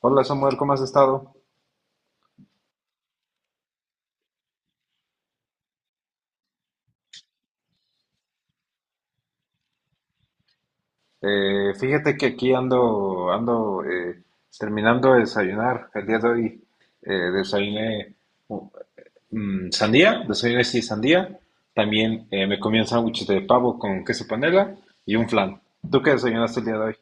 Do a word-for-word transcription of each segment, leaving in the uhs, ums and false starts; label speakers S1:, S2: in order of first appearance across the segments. S1: Hola Samuel, ¿cómo has estado? Eh, fíjate que aquí ando, ando eh, terminando de desayunar. El día de hoy eh, desayuné uh, mm, sandía, desayuné sí sandía. También eh, me comí un sándwich de pavo con queso panela y un flan. ¿Tú qué desayunaste el día de hoy?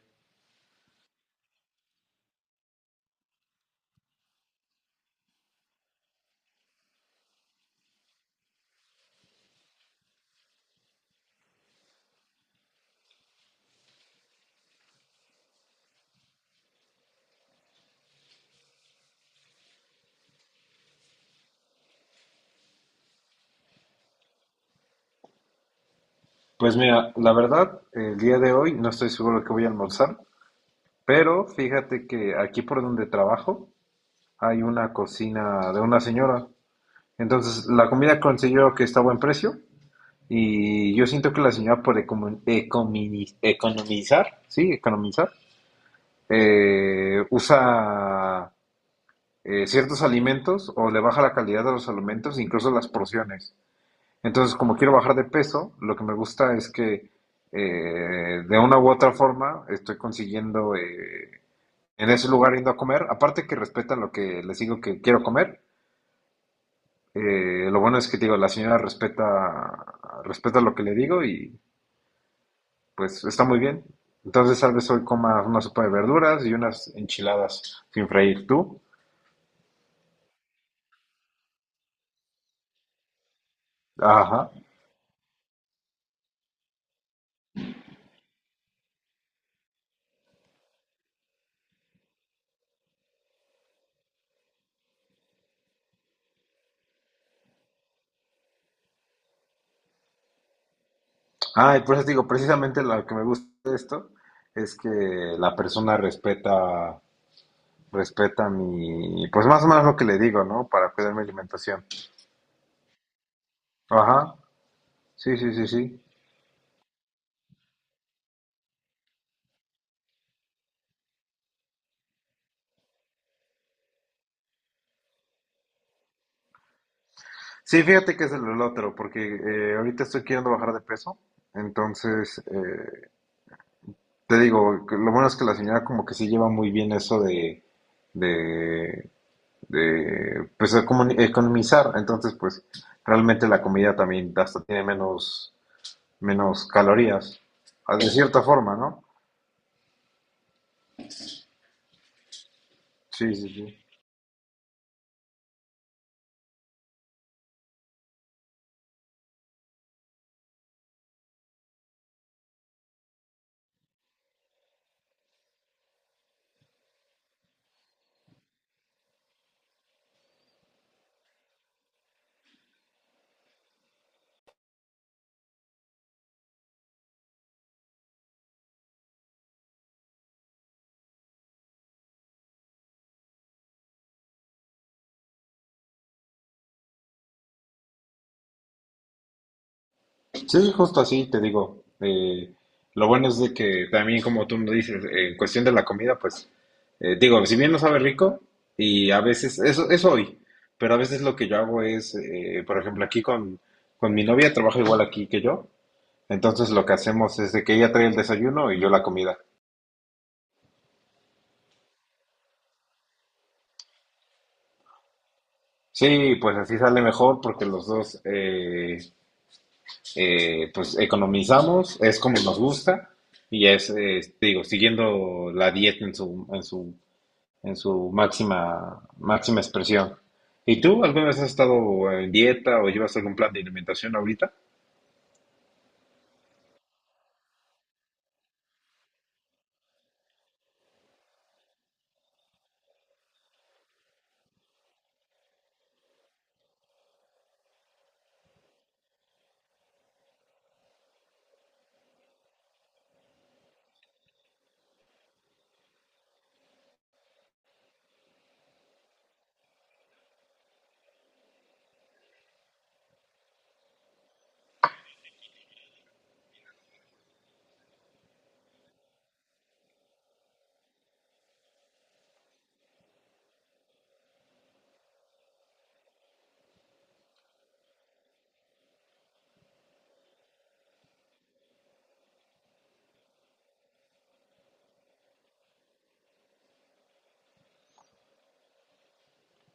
S1: Pues mira, la verdad, el día de hoy no estoy seguro de qué voy a almorzar, pero fíjate que aquí por donde trabajo hay una cocina de una señora. Entonces la comida consiguió que está a buen precio. Y yo siento que la señora por economi- economi- economizar, sí, economizar, eh, usa eh, ciertos alimentos o le baja la calidad de los alimentos, incluso las porciones. Entonces, como quiero bajar de peso, lo que me gusta es que eh, de una u otra forma estoy consiguiendo eh, en ese lugar yendo a comer. Aparte que respetan lo que les digo que quiero comer. Eh, lo bueno es que digo, la señora respeta, respeta lo que le digo y pues está muy bien. Entonces tal vez hoy coma una sopa de verduras y unas enchiladas sin freír. ¿Tú? Ajá. Ah, y por eso te digo, precisamente lo que me gusta de esto es que la persona respeta, respeta mi, pues más o menos lo que le digo, ¿no? Para cuidar mi alimentación. Ajá. Sí, sí, sí, sí. Sí, fíjate que es el otro, porque eh, ahorita estoy queriendo bajar de peso. Entonces, eh, te digo, que lo bueno es que la señora como que sí lleva muy bien eso de, de, de pues economi- economizar. Entonces, pues realmente la comida también hasta tiene menos, menos calorías, ah, de cierta forma, ¿no? Sí, sí, sí. Sí, justo así te digo. Eh, lo bueno es de que también, como tú me dices, eh, en cuestión de la comida, pues eh, digo, si bien no sabe rico, y a veces, eso es hoy, pero a veces lo que yo hago es, eh, por ejemplo, aquí con, con mi novia, trabaja igual aquí que yo, entonces lo que hacemos es de que ella trae el desayuno y yo la comida. Sí, pues así sale mejor porque los dos eh, eh, pues economizamos, es como nos gusta y es, eh, te digo, siguiendo la dieta en su, en su, en su máxima, máxima expresión. ¿Y tú alguna vez has estado en dieta o llevas algún plan de alimentación ahorita?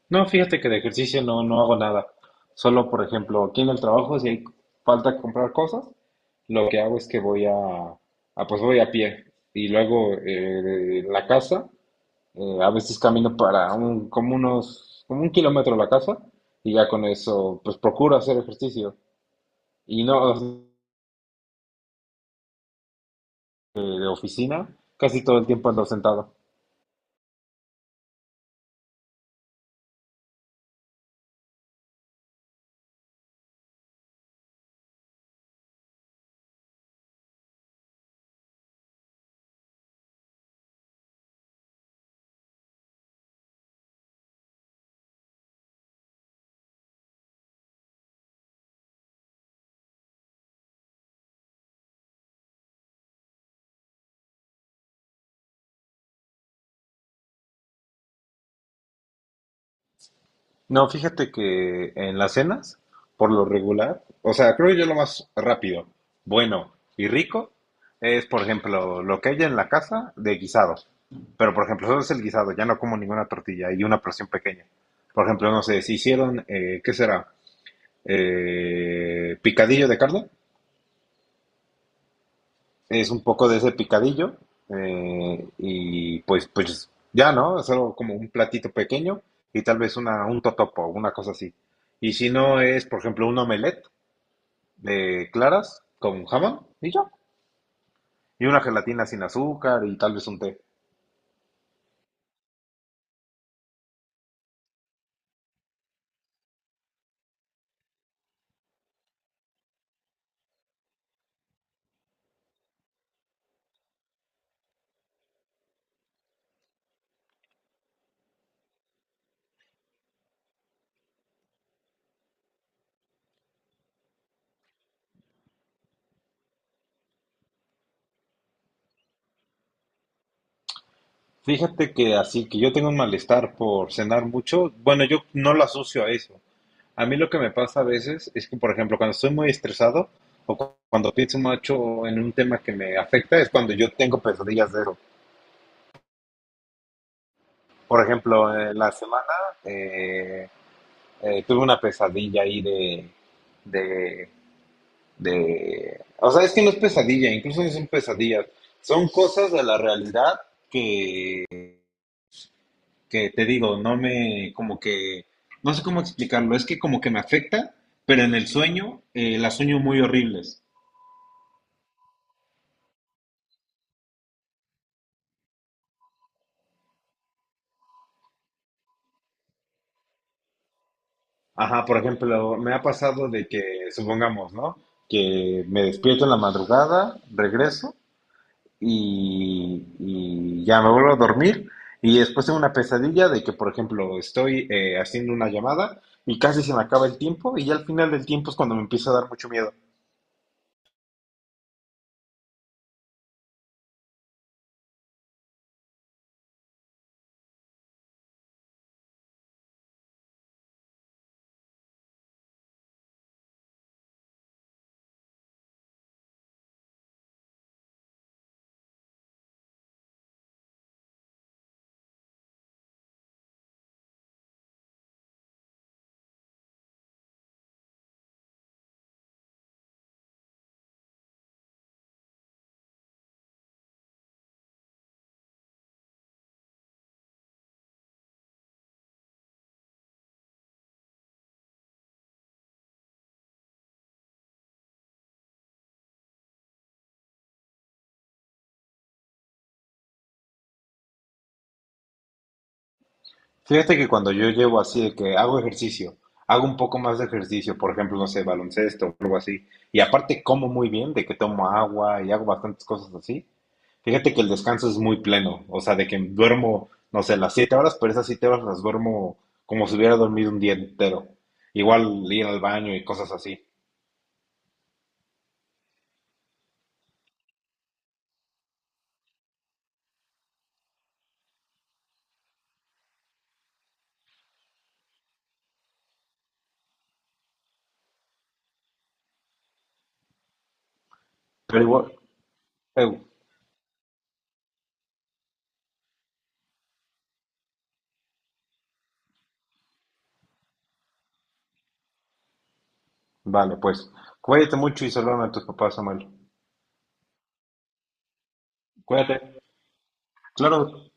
S1: No, fíjate que de ejercicio no, no hago nada. Solo, por ejemplo, aquí en el trabajo, si hay falta comprar cosas, lo que hago es que voy a, a, pues voy a pie. Y luego eh, en la casa. Eh, a veces camino para un, como unos, como un kilómetro a la casa y ya con eso, pues procuro hacer ejercicio. Y no eh, De oficina, casi todo el tiempo ando sentado. No, fíjate que en las cenas, por lo regular, o sea, creo yo lo más rápido, bueno y rico es, por ejemplo, lo que haya en la casa de guisados. Pero, por ejemplo, solo es el guisado, ya no como ninguna tortilla y una porción pequeña. Por ejemplo, no sé, si hicieron, eh, ¿qué será? Eh, picadillo de carne. Es un poco de ese picadillo eh, y pues, pues ya, ¿no? Solo como un platito pequeño y tal vez una, un totopo, una cosa así. Y si no es, por ejemplo, un omelette de claras con jamón y ya. Y una gelatina sin azúcar y tal vez un té. Fíjate que así que yo tengo un malestar por cenar mucho. Bueno, yo no lo asocio a eso. A mí lo que me pasa a veces es que, por ejemplo, cuando estoy muy estresado o cu- cuando pienso mucho en un tema que me afecta, es cuando yo tengo pesadillas de eso. Por ejemplo, eh, la semana eh, eh, tuve una pesadilla ahí de, de, de... O sea, es que no es pesadilla, incluso no son pesadillas. Son cosas de la realidad que, que te digo, no me, como que, no sé cómo explicarlo, es que como que me afecta, pero en el sueño eh, las sueño muy horribles. Ajá, por ejemplo, me ha pasado de que, supongamos, ¿no? Que me despierto en la madrugada, regreso, y, y ya me vuelvo a dormir y después tengo una pesadilla de que, por ejemplo, estoy eh, haciendo una llamada y casi se me acaba el tiempo y ya al final del tiempo es cuando me empieza a dar mucho miedo. Fíjate que cuando yo llevo así de que hago ejercicio, hago un poco más de ejercicio, por ejemplo, no sé, baloncesto o algo así, y aparte como muy bien, de que tomo agua y hago bastantes cosas así, fíjate que el descanso es muy pleno, o sea, de que duermo, no sé, las siete horas, pero esas siete horas las duermo como si hubiera dormido un día entero. Igual ir al baño y cosas así. Pero igual, eh, vale, pues, cuídate mucho y saludos a tus papás, Samuel. Cuídate. Claro,